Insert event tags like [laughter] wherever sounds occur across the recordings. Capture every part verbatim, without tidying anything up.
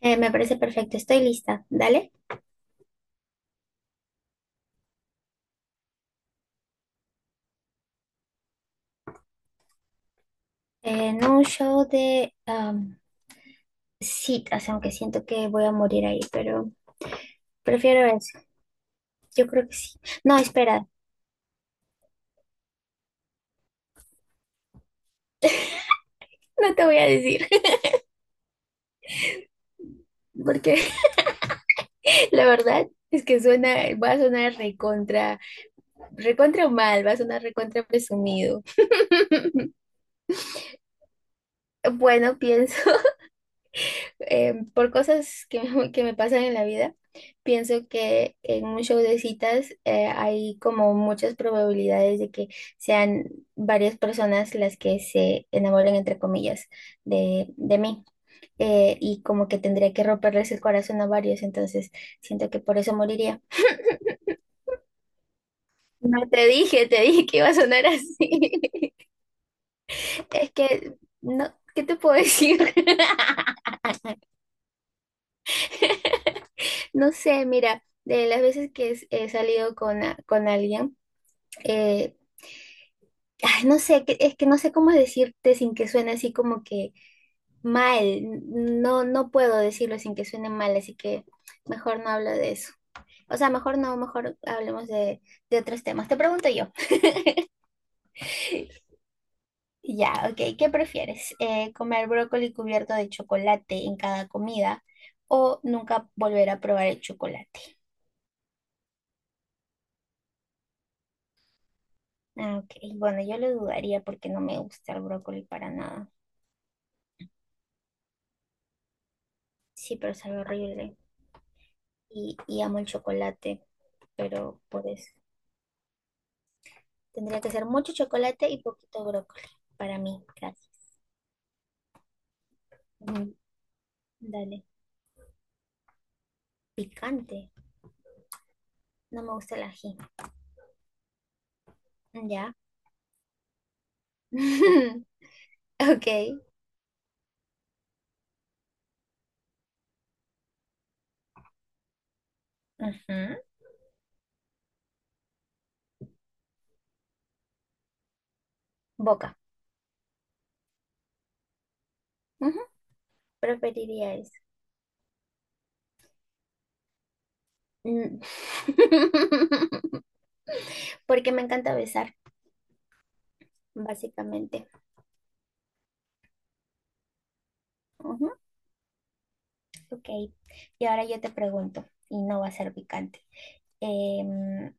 Eh, me parece perfecto, estoy lista. Dale. En un show de am, citas, aunque siento que voy a morir ahí, pero prefiero eso. Yo creo que sí. No, espera, no te voy a decir, [laughs] porque la verdad es que suena, va a sonar recontra, recontra mal, va a sonar recontra presumido. Bueno, pienso eh, por cosas que, [laughs] me- que me pasan en la vida, pienso que en un show de citas eh, hay como muchas probabilidades de que sean varias personas las que se enamoren, entre comillas, de, de mí. Eh, y como que tendría que romperles el corazón a varios, entonces siento que por eso moriría. No te dije, te dije que iba a sonar así. [laughs] Es que, no, ¿qué te puedo decir? [laughs] No sé, mira, de las veces que he he salido con, a- con alguien, eh, ay, no sé, que- es que no sé cómo decirte sin que suene así como que mal. No, no puedo decirlo sin que suene mal, así que mejor no hablo de eso. O sea, mejor no, mejor hablemos de, de otros temas. Te pregunto yo. Ya, ok, ¿qué prefieres? Eh, ¿comer brócoli cubierto de chocolate en cada comida o nunca volver a probar el chocolate? Ah, ok, bueno, yo lo dudaría porque no me gusta el brócoli para nada. Sí, pero sabe horrible. Y, y amo el chocolate, pero por eso tendría que ser mucho chocolate y poquito brócoli para mí, gracias. Mm, dale, picante, no me gusta el ají, ya. [laughs] Ok, ujú. Boca, ujú, preferiría eso. Mm. [laughs] Porque me encanta besar, básicamente. Ujú, ok, y ahora yo te pregunto, y no va a ser picante. Em,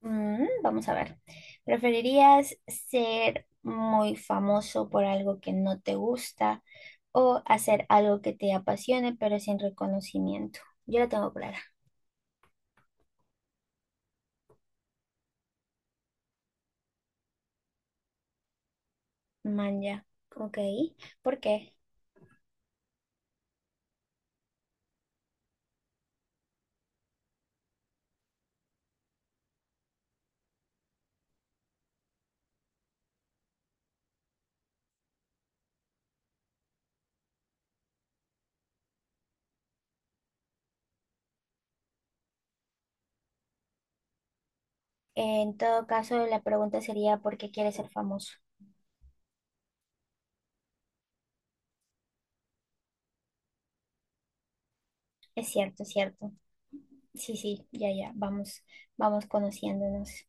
Mm, vamos a ver. ¿Preferirías ser muy famoso por algo que no te gusta o hacer algo que te apasione pero sin reconocimiento? Yo la tengo clara. Manja. Ok. ¿Por qué? En todo caso, la pregunta sería ¿por qué quieres ser famoso? Es cierto, es cierto. Sí, sí, ya, ya. Vamos, vamos conociéndonos.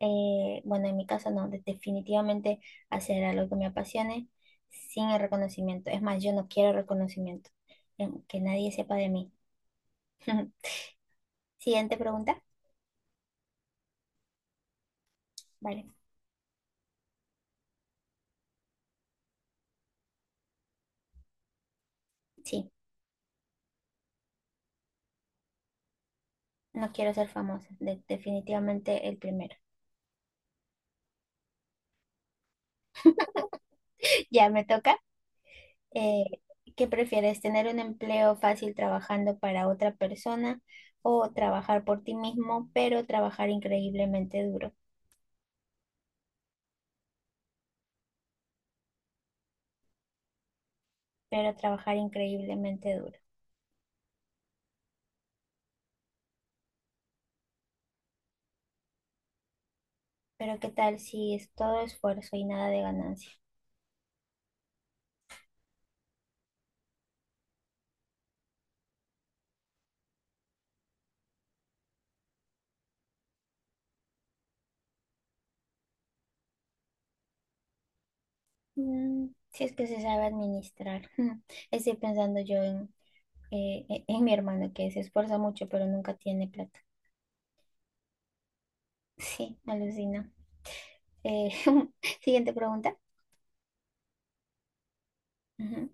eh, Bueno, en mi caso no, de- definitivamente hacer algo que me apasione sin el reconocimiento. Es más, yo no quiero reconocimiento, em, que nadie sepa de mí. [laughs] Siguiente pregunta. Vale, sí, no quiero ser famosa, de- definitivamente el primero. [laughs] Ya me toca. Eh, ¿Qué prefieres, tener un empleo fácil trabajando para otra persona o trabajar por ti mismo, pero trabajar increíblemente duro? Pero trabajar increíblemente duro. Pero ¿qué tal si es todo esfuerzo y nada de ganancia? Mm, si es que se sabe administrar. [laughs] Estoy pensando yo en, eh, e- en mi hermano que se esfuerza mucho pero nunca tiene plata. [laughs] Sí, alucina. Eh, [laughs] siguiente pregunta. Ujú.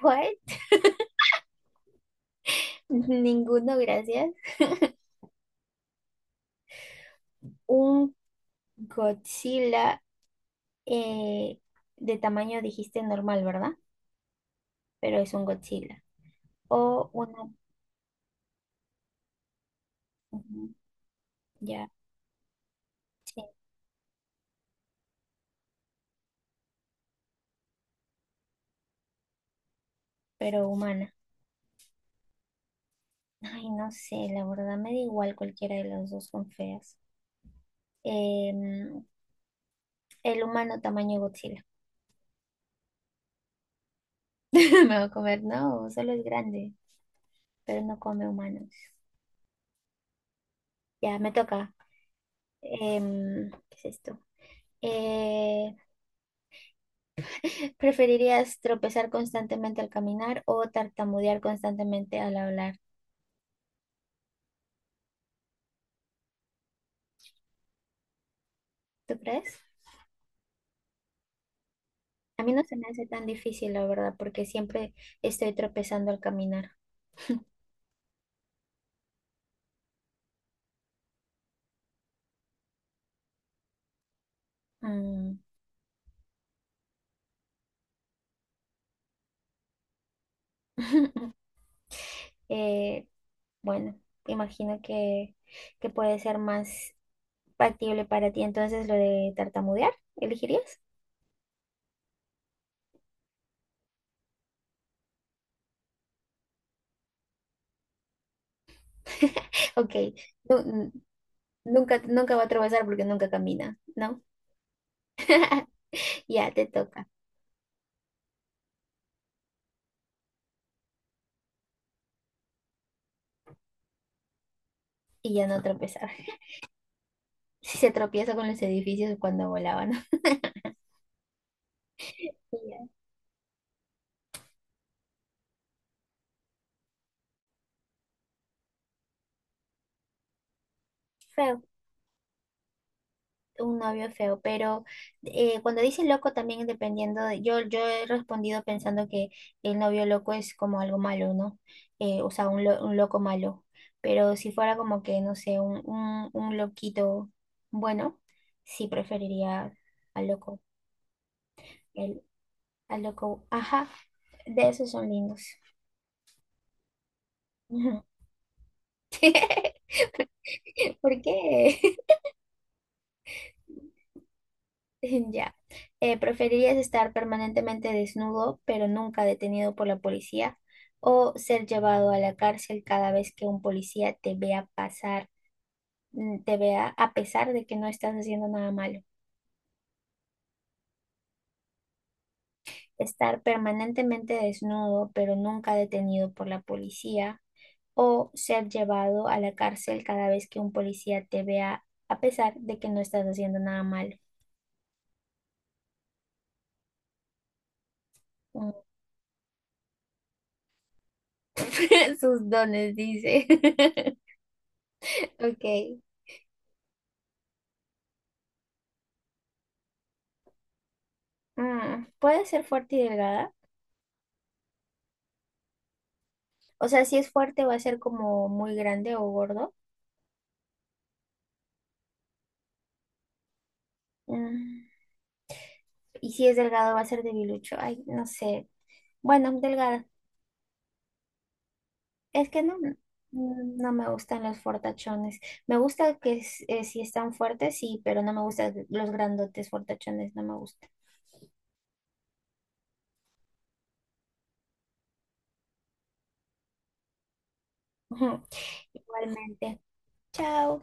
What? Ninguno, gracias. Un Godzilla eh, de tamaño dijiste normal, ¿verdad? Pero es un Godzilla. O una... ujú, ya, sí, pero humana. Ay, no sé, la verdad me da igual, cualquiera de las dos son feas. Em, el humano tamaño Godzilla. [laughs] Me va a comer, no, solo es grande, pero no come humanos. Ya, me toca. Em, ¿qué es esto? Eh, ¿Preferirías tropezar constantemente al caminar o tartamudear constantemente al hablar? ¿Tú crees? A mí no se me hace tan difícil, la verdad, porque siempre estoy tropezando al caminar. Mm. [laughs] Eh, bueno, imagino que, que puede ser más factible para ti entonces lo de tartamudear, ¿elegirías? [laughs] Ok, nu- n- nunca, nunca va a tropezar porque nunca camina, ¿no? Ya te toca y ya no tropezar. [laughs] Si se tropieza con los edificios cuando volaban. [laughs] Ya. Feo. Un novio feo, pero eh, cuando dice loco también dependiendo, de- yo, yo he respondido pensando que el novio loco es como algo malo, ¿no? Eh, o sea, un, lo- un loco malo, pero si fuera como que, no sé, un, un, un loquito bueno, sí preferiría al loco, el, al loco, ajá, de esos son lindos. [laughs] ¿Por qué? [laughs] [laughs] Ya. Eh, ¿preferirías estar permanentemente desnudo, pero nunca detenido por la policía, o ser llevado a la cárcel cada vez que un policía te vea pasar, mm, te vea a pesar de que no estás haciendo nada malo? Estar permanentemente desnudo, pero nunca detenido por la policía, o ser llevado a la cárcel cada vez que un policía te vea a pesar de que no estás haciendo nada malo. Mm, [laughs] sus dones, dice. [laughs] Ok. Mm, puede ser fuerte y delgada. O sea, si es fuerte va a ser como muy grande o gordo. Mm, y si es delgado va a ser debilucho. Ay, no sé. Bueno, delgada. Es que no, mm, no me gustan los fortachones. Me gusta que s- eh, si están fuertes, sí, pero no me gustan los grandotes fortachones, no me gustan. Ujú. Igualmente. Chao.